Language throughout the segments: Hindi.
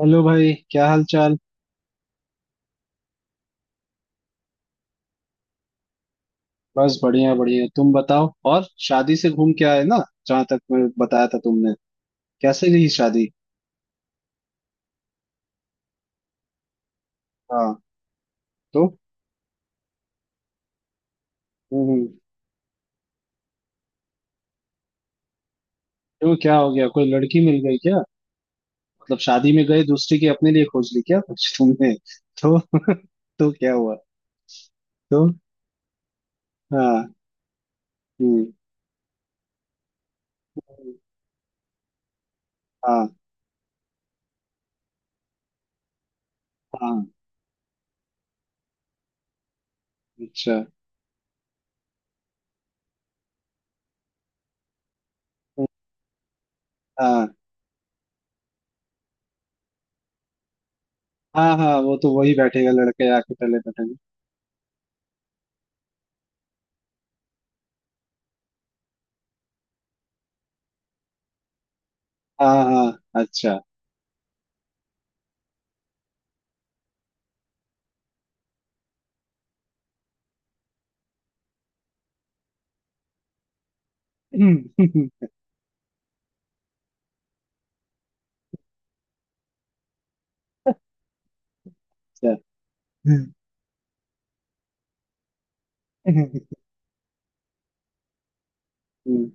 हेलो भाई, क्या हाल चाल। बस बढ़िया बढ़िया, तुम बताओ। और शादी से घूम के आए ना, जहां तक मैं बताया था तुमने। कैसे गई शादी? हाँ। तो हम्म हम्म। क्यों, क्या हो गया? कोई लड़की मिल गई क्या? मतलब शादी में गए दूसरी की अपने लिए खोज ली क्या कुछ तुमने। तो तो क्या हुआ? तो हाँ। हम्म। हाँ हाँ, अच्छा। हम्म, हाँ हाँ हाँ, वो तो वही बैठेगा, लड़के आके पहले बैठेंगे। हाँ हाँ, अच्छा। अच्छा। हम्म।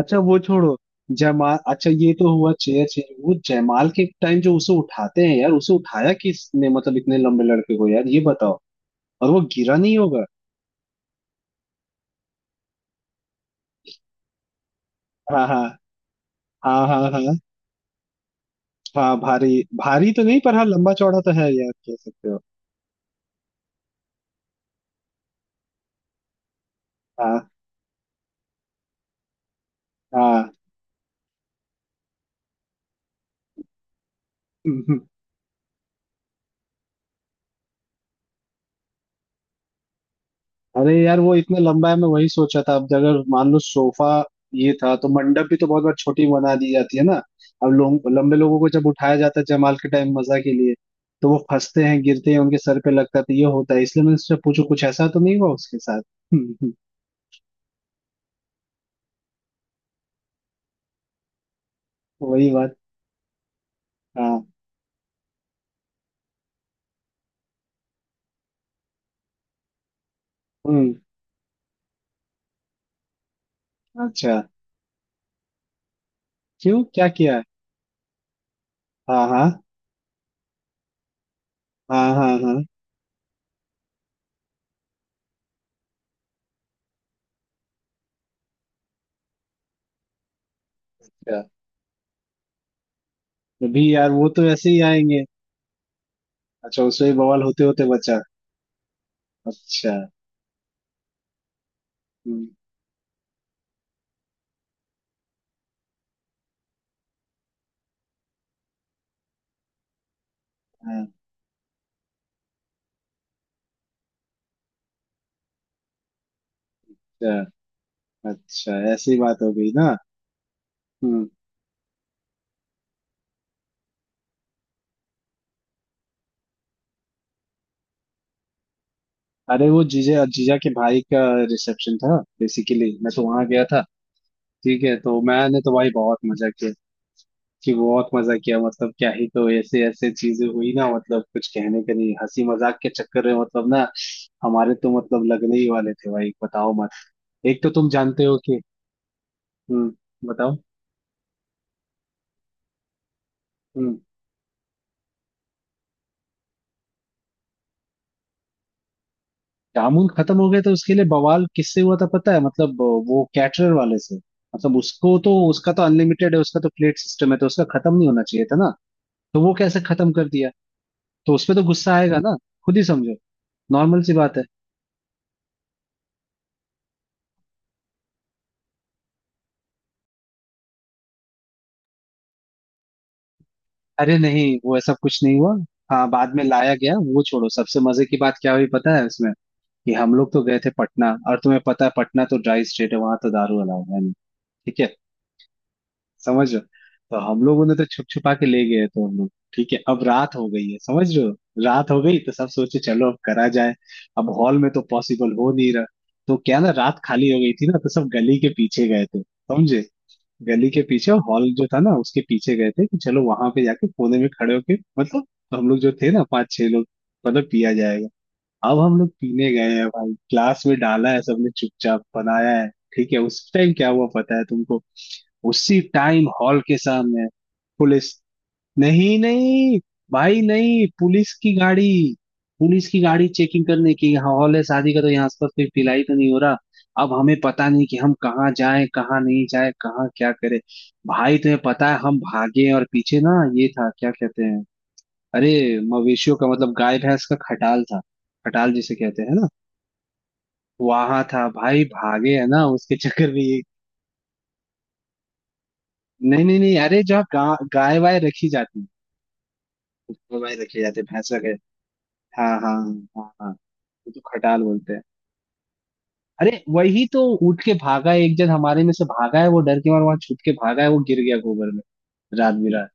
अच्छा वो छोड़ो। जयमाल, अच्छा ये तो हुआ चेयर चेंज। वो जयमाल के टाइम जो उसे उठाते हैं यार, उसे उठाया किसने? मतलब इतने लंबे लड़के को, यार ये बताओ। और वो गिरा नहीं होगा? हाँ। हाँ हाँ हाँ। हाँ हाँ भारी भारी तो नहीं, पर हाँ लंबा चौड़ा तो है यार, कह सकते हो। हाँ हाँ। अरे यार वो इतना लंबा है, मैं वही सोचा था। अब अगर मान लो सोफा ये था, तो मंडप भी तो बहुत बार छोटी बना दी जाती है ना। अब लोग, लंबे लोगों को जब उठाया जाता है जमाल के टाइम मजा के लिए, तो वो फंसते हैं, गिरते हैं, उनके सर पे लगता है। तो ये होता है, इसलिए मैंने उससे पूछू कुछ ऐसा तो नहीं हुआ उसके साथ। हम्म, वही बात। हाँ। हम्म। अच्छा। क्यों, क्या किया है? हाँ हाँ हाँ। हाँ हाँ, अच्छा। अभी यार वो तो ऐसे ही आएंगे। अच्छा, उसमें बवाल होते होते बचा। अच्छा। हम्म, हाँ, अच्छा। अच्छा ऐसी बात हो गई ना। हम्म। अरे वो जीजा, जीजा के भाई का रिसेप्शन था बेसिकली। मैं तो वहां गया था। ठीक है, तो मैंने तो भाई बहुत मजा किया। कि बहुत मजा किया मतलब क्या ही, तो ऐसे ऐसे चीजें हुई ना मतलब, कुछ कहने का नहीं, हंसी मजाक के चक्कर में मतलब ना, हमारे तो मतलब लगने ही वाले थे भाई, बताओ मत। एक तो तुम जानते हो कि, हम्म, बताओ। हम्म। जामुन खत्म हो गया तो उसके लिए बवाल किससे हुआ था पता है? मतलब वो कैटरर वाले से। मतलब उसको तो, उसका तो अनलिमिटेड है, उसका तो प्लेट सिस्टम है, तो उसका खत्म नहीं होना चाहिए था ना। तो वो कैसे खत्म कर दिया? तो उसपे तो गुस्सा आएगा ना, खुद ही समझो। नॉर्मल सी बात है। अरे नहीं, वो ऐसा कुछ नहीं हुआ। हाँ, बाद में लाया गया। वो छोड़ो, सबसे मजे की बात क्या हुई पता है उसमें? कि हम लोग तो गए थे पटना, और तुम्हें पता है पटना तो ड्राई स्टेट है, वहां तो दारू अलाउ है नहीं। ठीक है। समझ रहे हो, तो हम लोग उन्हें तो छुप छुपा के ले गए। तो हम लोग ठीक है अब रात हो गई है, समझ रहे हो। रात हो गई तो सब सोचे चलो अब करा जाए। अब हॉल में तो पॉसिबल हो नहीं रहा। तो क्या ना, रात खाली हो गई थी ना, तो सब गली के पीछे गए थे, समझे। गली के पीछे और हॉल जो था ना उसके पीछे गए थे, कि चलो वहां पे जाके कोने में खड़े होके मतलब, हम लोग जो थे ना 5-6 लोग, मतलब पिया जाएगा। अब हम लोग पीने गए हैं भाई, ग्लास में डाला है, सबने चुपचाप बनाया है। ठीक है, उस टाइम क्या हुआ पता है तुमको, उसी टाइम हॉल के सामने पुलिस। नहीं नहीं, भाई नहीं, पुलिस की गाड़ी। पुलिस की गाड़ी, चेकिंग करने की, यहाँ हॉल है शादी का तो यहाँ आसपास कोई पिलाई तो नहीं हो रहा। अब हमें पता नहीं कि हम कहाँ जाएं कहाँ नहीं जाएं, कहाँ क्या करें। भाई तुम्हें पता है हम भागे, और पीछे ना ये था क्या कहते हैं, अरे मवेशियों का मतलब गाय भैंस का खटाल था। खटाल जिसे कहते हैं ना, वहां था भाई। भागे है ना उसके चक्कर में ये, नहीं नहीं नहीं, अरे जहाँ गाय वाय रखी जाती है, वो भाई, रखे जाते हैं भैंस रखे। हाँ हाँ। हाँ हाँ, वो तो खटाल बोलते हैं, अरे वही तो। उठ के भागा है, एक जन हमारे में से भागा है, वो डर के मारे वहां छुप के भागा है, वो गिर गया गोबर में। रात बिरात।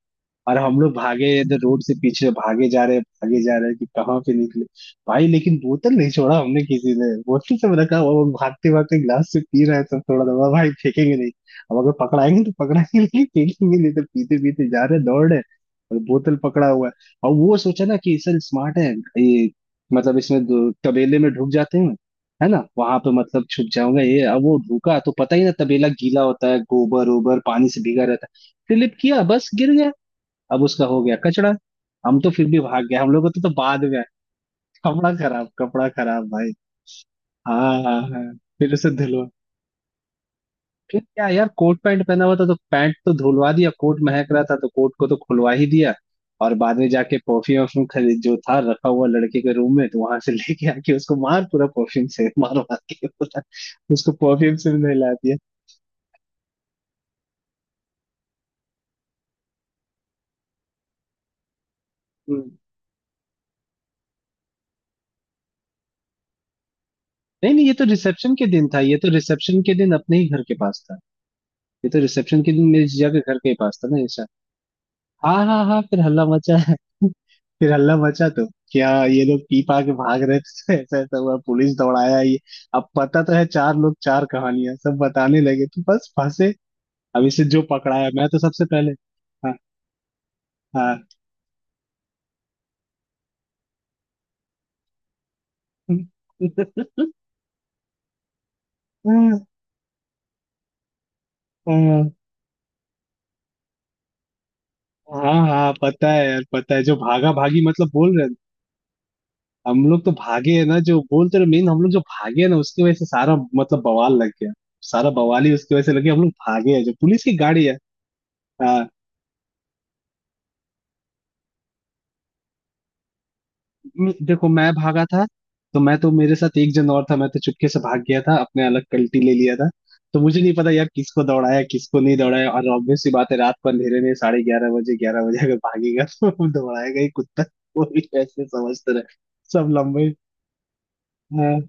और हम लोग भागे इधर, रोड से पीछे भागे जा रहे, भागे जा रहे कि कहाँ पे निकले। भाई लेकिन बोतल नहीं छोड़ा हमने, किसी ने बोतल, सब रखा हुआ, वो भागते भागते गिलास से पी रहे सब थोड़ा थोड़ा, भाई फेंकेंगे नहीं। अब अगर पकड़ाएंगे तो पकड़ाएंगे, लेकिन फेंकेंगे नहीं। तो पीते पीते जा रहे, दौड़ रहे, और बोतल पकड़ा हुआ है। और वो सोचा ना कि सर स्मार्ट है, ये, मतलब इसमें तबेले में ढुक जाते हैं, है ना, वहां पे मतलब छुप जाऊंगा ये। अब वो ढुका तो पता ही ना, तबेला गीला होता है, गोबर ओबर पानी से भीगा रहता है। स्लिप किया, बस गिर गया। अब उसका हो गया कचड़ा। हम तो फिर भी भाग गए, हम लोगों तो बाद में आया। कपड़ा खराब, कपड़ा खराब भाई। हाँ हाँ हाँ। फिर उसे धुलवा, फिर क्या यार, कोट पैंट पहना हुआ था तो पैंट तो धुलवा दिया, कोट महक रहा था तो कोट को तो खुलवा ही दिया। और बाद में जाके परफ्यूम वर्फ्यूम खरीद, जो था रखा हुआ लड़के के रूम में, तो वहां से लेके आके उसको मार पूरा, परफ्यूम से मार मार के पूरा उसको परफ्यूम से भी नहला दिया। हम्म। नहीं नहीं, ये तो रिसेप्शन के दिन था। ये तो रिसेप्शन के दिन अपने ही घर के पास था। ये तो रिसेप्शन के दिन मेरी जीजा के घर के ही पास था ना ये। हाँ हाँ हाँ, फिर हल्ला मचा है। फिर हल्ला मचा तो, क्या ये लोग पी पा के भाग रहे थे, ऐसा ऐसा हुआ, पुलिस दौड़ाया ये। अब पता तो है, चार लोग चार कहानियां सब बताने लगे तो बस फंसे। अब इसे जो पकड़ाया मैं तो सबसे पहले। हाँ हाँ। हाँ हाँ हाँ, पता है यार, पता है जो भागा भागी मतलब बोल रहे हैं। हम लोग तो भागे है ना, जो बोलते रहे मेन, हम लोग जो भागे है ना उसकी वजह से सारा मतलब बवाल लग गया। सारा बवाल ही उसकी वजह से लग गया, हम लोग भागे है जो पुलिस की गाड़ी है। हाँ, देखो मैं भागा था, तो मैं तो, मेरे साथ एक जन और था, मैं तो चुपके से भाग गया था अपने, अलग कल्टी ले लिया था। तो मुझे नहीं पता यार किसको दौड़ाया किसको नहीं दौड़ाया। और ऑब्वियस सी बात है, रात को अंधेरे में 11:30 बजे, 11 बजे अगर भागेगा तो दौड़ाएगा ही कुत्ता। वो भी ऐसे समझते रहे, सब लंबे। हाँ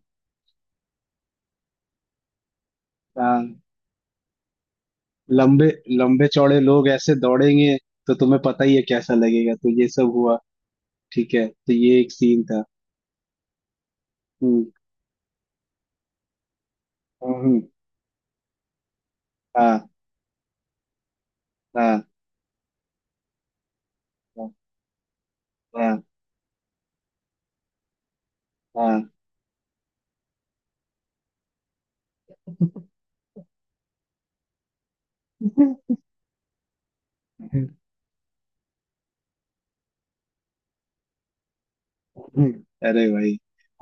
हाँ, लंबे, लंबे चौड़े लोग ऐसे दौड़ेंगे, तो तुम्हें पता ही है कैसा लगेगा। तो ये सब हुआ, ठीक है, तो ये एक सीन था। हम्म हम्म, हम्म, हाँ हाँ हाँ हाँ हाँ। हम्म। अरे भाई,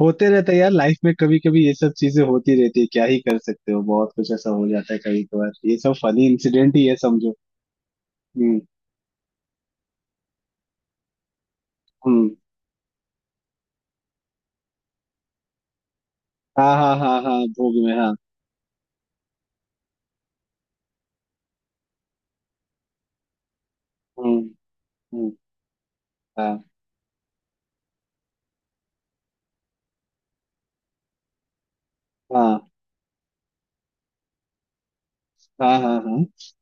होते रहता है यार लाइफ में। कभी कभी ये सब चीजें होती रहती है, क्या ही कर सकते हो, बहुत कुछ ऐसा हो जाता है कभी कभार, ये सब फनी इंसिडेंट ही है समझो। हम्म हम्म। हाँ हाँ हाँ हाँ, भोग में हाँ। हम्म हम्म। हाँ हाँ हाँ हाँ हाँ।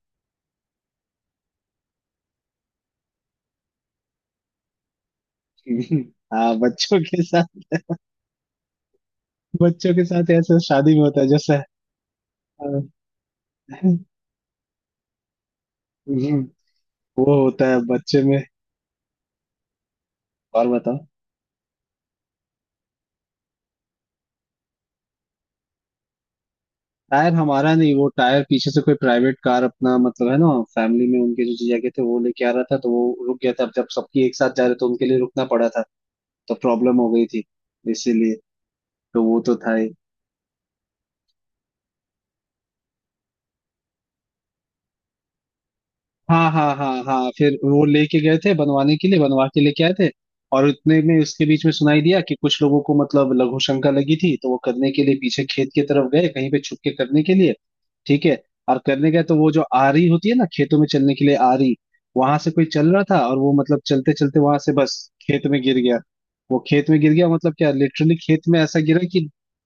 हम्म, हाँ बच्चों के साथ, बच्चों के साथ ऐसा शादी में होता है जैसा। हाँ, हम्म, वो होता है बच्चे में। और बताओ। टायर हमारा नहीं, वो टायर पीछे से कोई प्राइवेट कार अपना, मतलब है ना फैमिली में उनके जो जीजा के थे, वो लेके आ रहा था, तो वो रुक गया था। अब जब सबकी एक साथ जा रहे तो उनके लिए रुकना पड़ा था, तो प्रॉब्लम हो गई थी इसीलिए, तो वो तो था। हाँ हाँ हाँ हाँ, फिर वो लेके गए थे बनवाने के लिए, बनवा के लेके आए थे। और उतने में उसके बीच में सुनाई दिया कि कुछ लोगों को मतलब लघु शंका लगी थी, तो वो करने के लिए पीछे खेत की तरफ गए, कहीं पे छुप के करने के लिए। ठीक है, और करने गए तो वो जो आरी होती है ना खेतों में चलने के लिए, आरी, वहां से कोई चल रहा था, और वो मतलब चलते चलते वहां से बस खेत में गिर गया। वो खेत में गिर गया मतलब क्या, लिटरली खेत में ऐसा गिरा कि,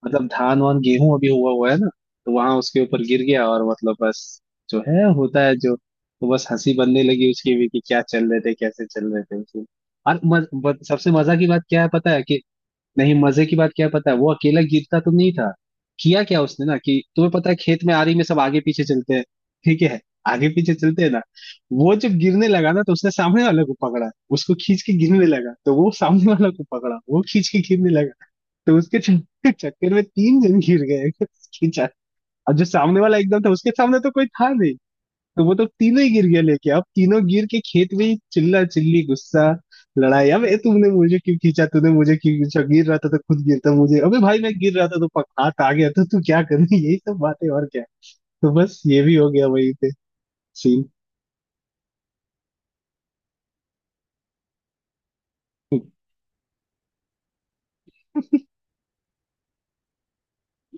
मतलब धान वान गेहूं अभी हुआ हुआ है ना, तो वहां उसके ऊपर गिर गया और मतलब बस जो है होता है जो। तो बस हंसी बनने लगी उसकी भी कि क्या चल रहे थे कैसे चल रहे थे उसमें। और सबसे मजा की बात क्या है पता है कि, नहीं मजे की बात क्या है पता है, वो अकेला गिरता तो नहीं था। किया क्या उसने ना कि, तुम्हें पता है खेत में आरी में सब आगे पीछे चलते हैं, ठीक है, आगे पीछे चलते हैं ना, वो जब गिरने लगा ना तो उसने सामने वाले को पकड़ा, उसको खींच के गिरने लगा। तो वो सामने वाला को पकड़ा, वो खींच के गिरने लगा, तो उसके चक्कर में 3 जन गिर गए। खींचा, और जो सामने वाला एकदम था उसके सामने तो कोई था नहीं, तो वो तो तीनों ही गिर गया लेके। अब तीनों गिर के खेत में ही चिल्ला चिल्ली, गुस्सा, लड़ाई। अब ए तुमने मुझे क्यों खींचा, तूने मुझे क्यों खींचा, गिर रहा था तो खुद गिरता मुझे, अबे भाई मैं गिर रहा था तो पक हाथ आ गया तो तू क्या कर रही है? यही सब बातें, और क्या। तो बस ये भी हो गया वही पे सीन।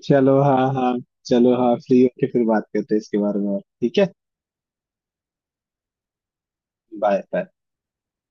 चलो हाँ हाँ, चलो हाँ फ्री होके फिर बात करते हैं इसके बारे में, और, ठीक है। Bye bye.